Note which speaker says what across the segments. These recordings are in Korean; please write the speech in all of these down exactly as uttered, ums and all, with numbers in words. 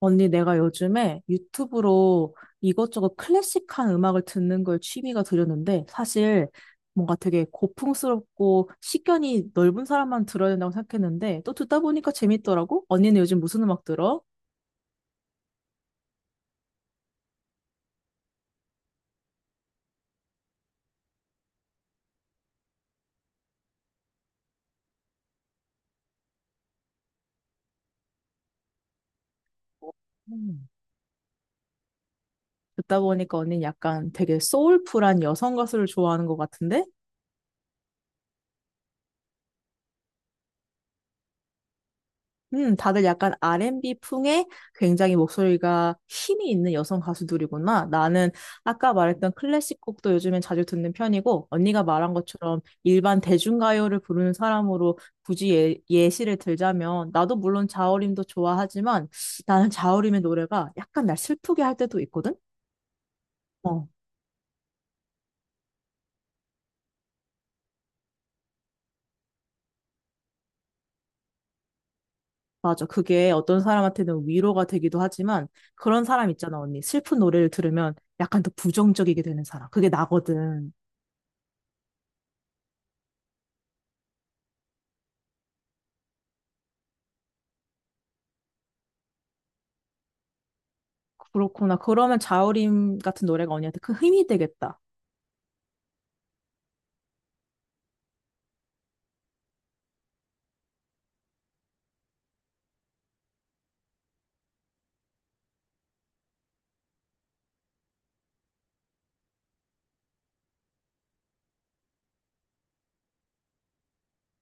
Speaker 1: 언니, 내가 요즘에 유튜브로 이것저것 클래식한 음악을 듣는 걸 취미가 들였는데, 사실 뭔가 되게 고풍스럽고 식견이 넓은 사람만 들어야 된다고 생각했는데, 또 듣다 보니까 재밌더라고? 언니는 요즘 무슨 음악 들어? 음. 듣다 보니까 언니는 약간 되게 소울풀한 여성 가수를 좋아하는 것 같은데? 음, 다들 약간 알앤비 풍의 굉장히 목소리가 힘이 있는 여성 가수들이구나. 나는 아까 말했던 클래식 곡도 요즘엔 자주 듣는 편이고, 언니가 말한 것처럼 일반 대중가요를 부르는 사람으로 굳이 예, 예시를 들자면, 나도 물론 자우림도 좋아하지만, 나는 자우림의 노래가 약간 날 슬프게 할 때도 있거든? 어. 맞아. 그게 어떤 사람한테는 위로가 되기도 하지만, 그런 사람 있잖아, 언니. 슬픈 노래를 들으면 약간 더 부정적이게 되는 사람. 그게 나거든. 그렇구나. 그러면 자우림 같은 노래가 언니한테 큰 힘이 되겠다.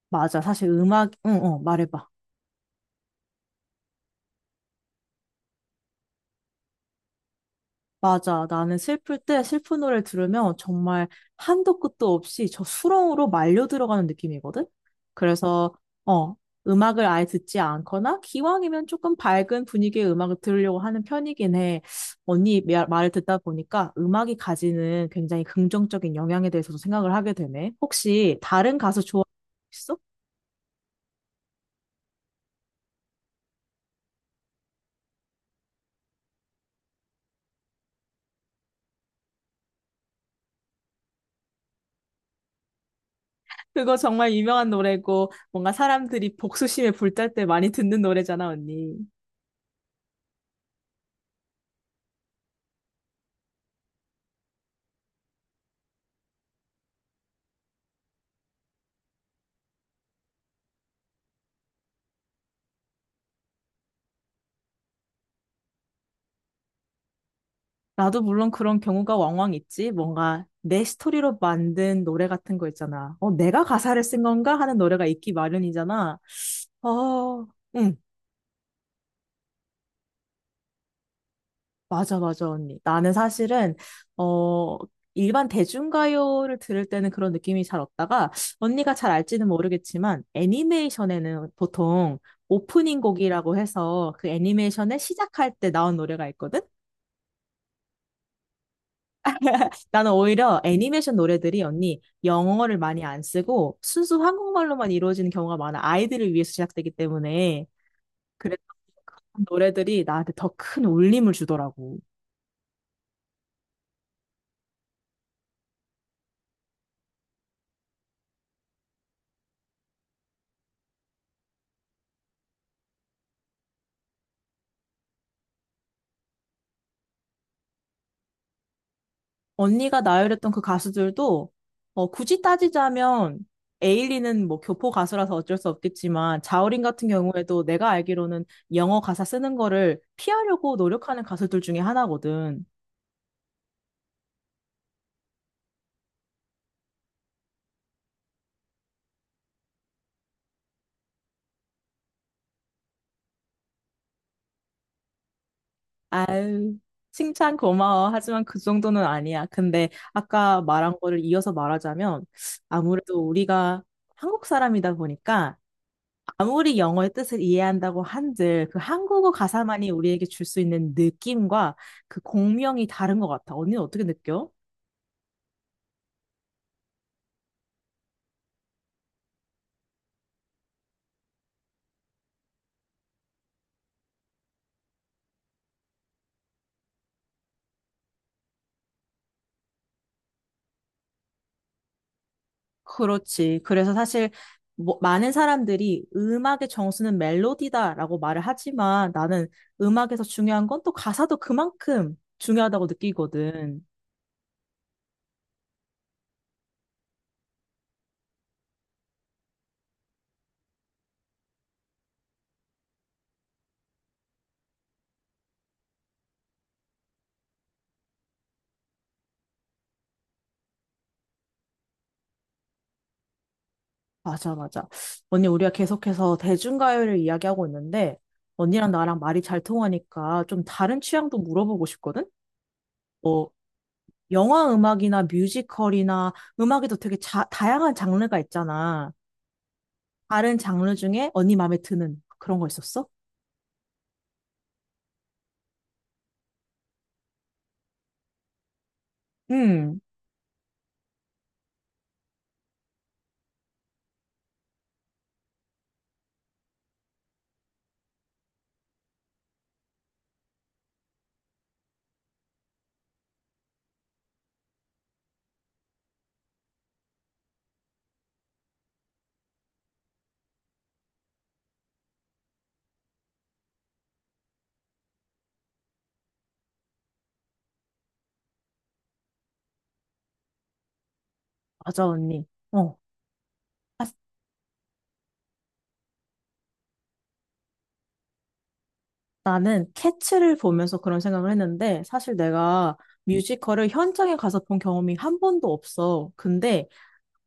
Speaker 1: 맞아. 사실 음악, 응, 어, 말해봐. 맞아. 나는 슬플 때 슬픈 노래를 들으면 정말 한도 끝도 없이 저 수렁으로 말려 들어가는 느낌이거든? 그래서, 어, 음악을 아예 듣지 않거나 기왕이면 조금 밝은 분위기의 음악을 들으려고 하는 편이긴 해. 언니 말- 말을 듣다 보니까 음악이 가지는 굉장히 긍정적인 영향에 대해서도 생각을 하게 되네. 혹시 다른 가수 좋아하 있어? 그거 정말 유명한 노래고 뭔가 사람들이 복수심에 불탈 때 많이 듣는 노래잖아, 언니. 나도 물론 그런 경우가 왕왕 있지. 뭔가 내 스토리로 만든 노래 같은 거 있잖아. 어, 내가 가사를 쓴 건가 하는 노래가 있기 마련이잖아. 어, 응. 맞아, 맞아, 언니. 나는 사실은, 어, 일반 대중가요를 들을 때는 그런 느낌이 잘 없다가, 언니가 잘 알지는 모르겠지만, 애니메이션에는 보통 오프닝 곡이라고 해서 그 애니메이션에 시작할 때 나온 노래가 있거든? 나는 오히려 애니메이션 노래들이 언니 영어를 많이 안 쓰고 순수 한국말로만 이루어지는 경우가 많아. 아이들을 위해서 제작되기 때문에. 그래서 그런 노래들이 나한테 더 큰 울림을 주더라고. 언니가 나열했던 그 가수들도 어, 굳이 따지자면 에일리는 뭐 교포 가수라서 어쩔 수 없겠지만 자우림 같은 경우에도 내가 알기로는 영어 가사 쓰는 거를 피하려고 노력하는 가수들 중에 하나거든. 아유, 칭찬 고마워. 하지만 그 정도는 아니야. 근데 아까 말한 거를 이어서 말하자면 아무래도 우리가 한국 사람이다 보니까 아무리 영어의 뜻을 이해한다고 한들 그 한국어 가사만이 우리에게 줄 수 있는 느낌과 그 공명이 다른 것 같아. 언니는 어떻게 느껴? 그렇지. 그래서 사실 뭐, 많은 사람들이 음악의 정수는 멜로디다라고 말을 하지만 나는 음악에서 중요한 건 또 가사도 그만큼 중요하다고 느끼거든. 맞아, 맞아. 언니, 우리가 계속해서 대중가요를 이야기하고 있는데 언니랑 나랑 말이 잘 통하니까 좀 다른 취향도 물어보고 싶거든? 뭐 영화 음악이나 뮤지컬이나 음악에도 되게 자, 다양한 장르가 있잖아. 다른 장르 중에 언니 마음에 드는 그런 거 있었어? 음, 맞아, 언니. 어. 아, 나는 캐츠를 보면서 그런 생각을 했는데, 사실 내가 뮤지컬을 현장에 가서 본 경험이 한 번도 없어. 근데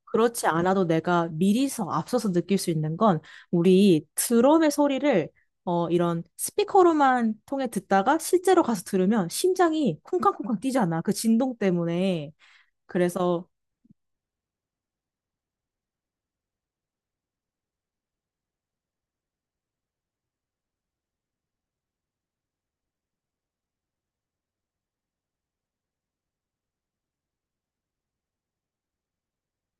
Speaker 1: 그렇지 않아도 내가 미리서 앞서서 느낄 수 있는 건 우리 드럼의 소리를 어, 이런 스피커로만 통해 듣다가 실제로 가서 들으면 심장이 쿵쾅쿵쾅 뛰잖아. 그 진동 때문에. 그래서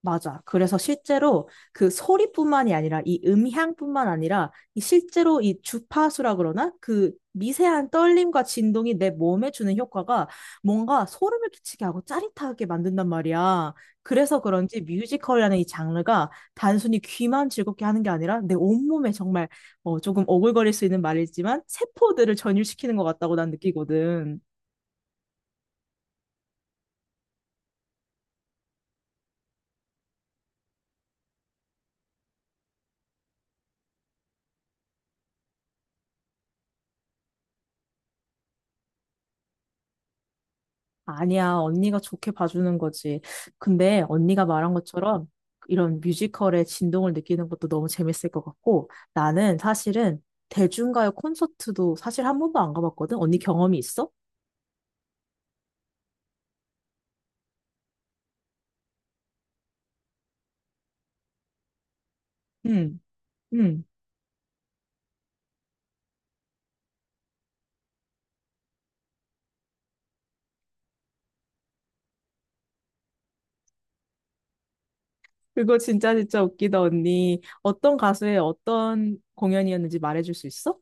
Speaker 1: 맞아. 그래서 실제로 그 소리뿐만이 아니라 이 음향뿐만 아니라 이 실제로 이 주파수라 그러나 그 미세한 떨림과 진동이 내 몸에 주는 효과가 뭔가 소름을 끼치게 하고 짜릿하게 만든단 말이야. 그래서 그런지 뮤지컬이라는 이 장르가 단순히 귀만 즐겁게 하는 게 아니라 내 온몸에 정말 어, 조금 오글거릴 수 있는 말이지만 세포들을 전율시키는 것 같다고 난 느끼거든. 아니야, 언니가 좋게 봐주는 거지. 근데 언니가 말한 것처럼 이런 뮤지컬의 진동을 느끼는 것도 너무 재밌을 것 같고 나는 사실은 대중가요 콘서트도 사실 한 번도 안 가봤거든. 언니 경험이 있어? 응, 응. 그거 진짜 진짜 웃기다, 언니. 어떤 가수의 어떤 공연이었는지 말해줄 수 있어?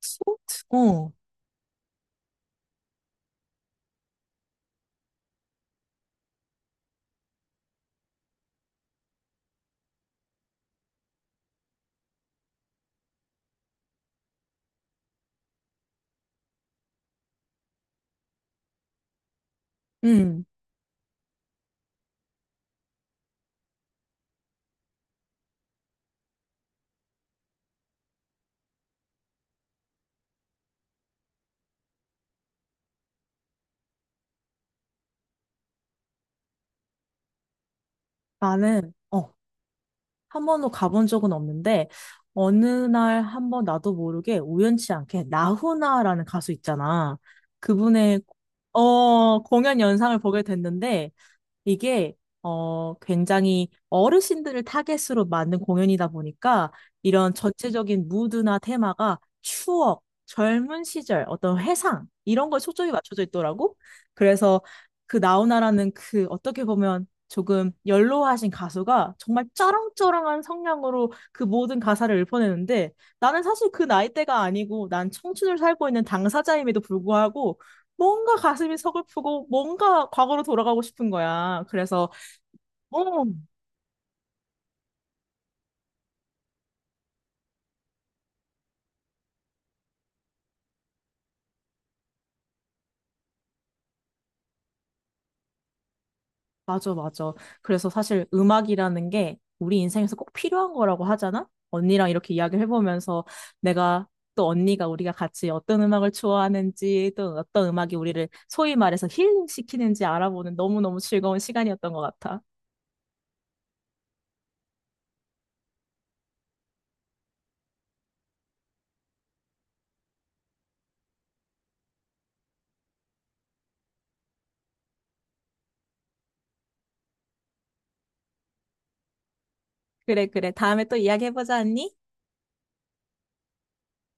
Speaker 1: 소트? 어, 응. 나는, 어, 한 번도 가본 적은 없는데 어느 날 한번 나도 모르게 우연치 않게 나훈아라는 가수 있잖아. 그분의 어, 공연 영상을 보게 됐는데 이게 어 굉장히 어르신들을 타겟으로 만든 공연이다 보니까 이런 전체적인 무드나 테마가 추억, 젊은 시절, 어떤 회상 이런 거에 초점이 맞춰져 있더라고. 그래서 그 나훈아라는 그 어떻게 보면 조금 연로하신 가수가 정말 쩌렁쩌렁한 성량으로 그 모든 가사를 읊어내는데 나는 사실 그 나이대가 아니고 난 청춘을 살고 있는 당사자임에도 불구하고 뭔가 가슴이 서글프고 뭔가 과거로 돌아가고 싶은 거야. 그래서 어, 맞아, 맞아. 그래서 사실 음악이라는 게 우리 인생에서 꼭 필요한 거라고 하잖아? 언니랑 이렇게 이야기를 해보면서 내가 또 언니가 우리가 같이 어떤 음악을 좋아하는지 또 어떤 음악이 우리를 소위 말해서 힐링시키는지 알아보는 너무너무 즐거운 시간이었던 것 같아. 그래, 그래. 다음에 또 이야기해보자, 언니.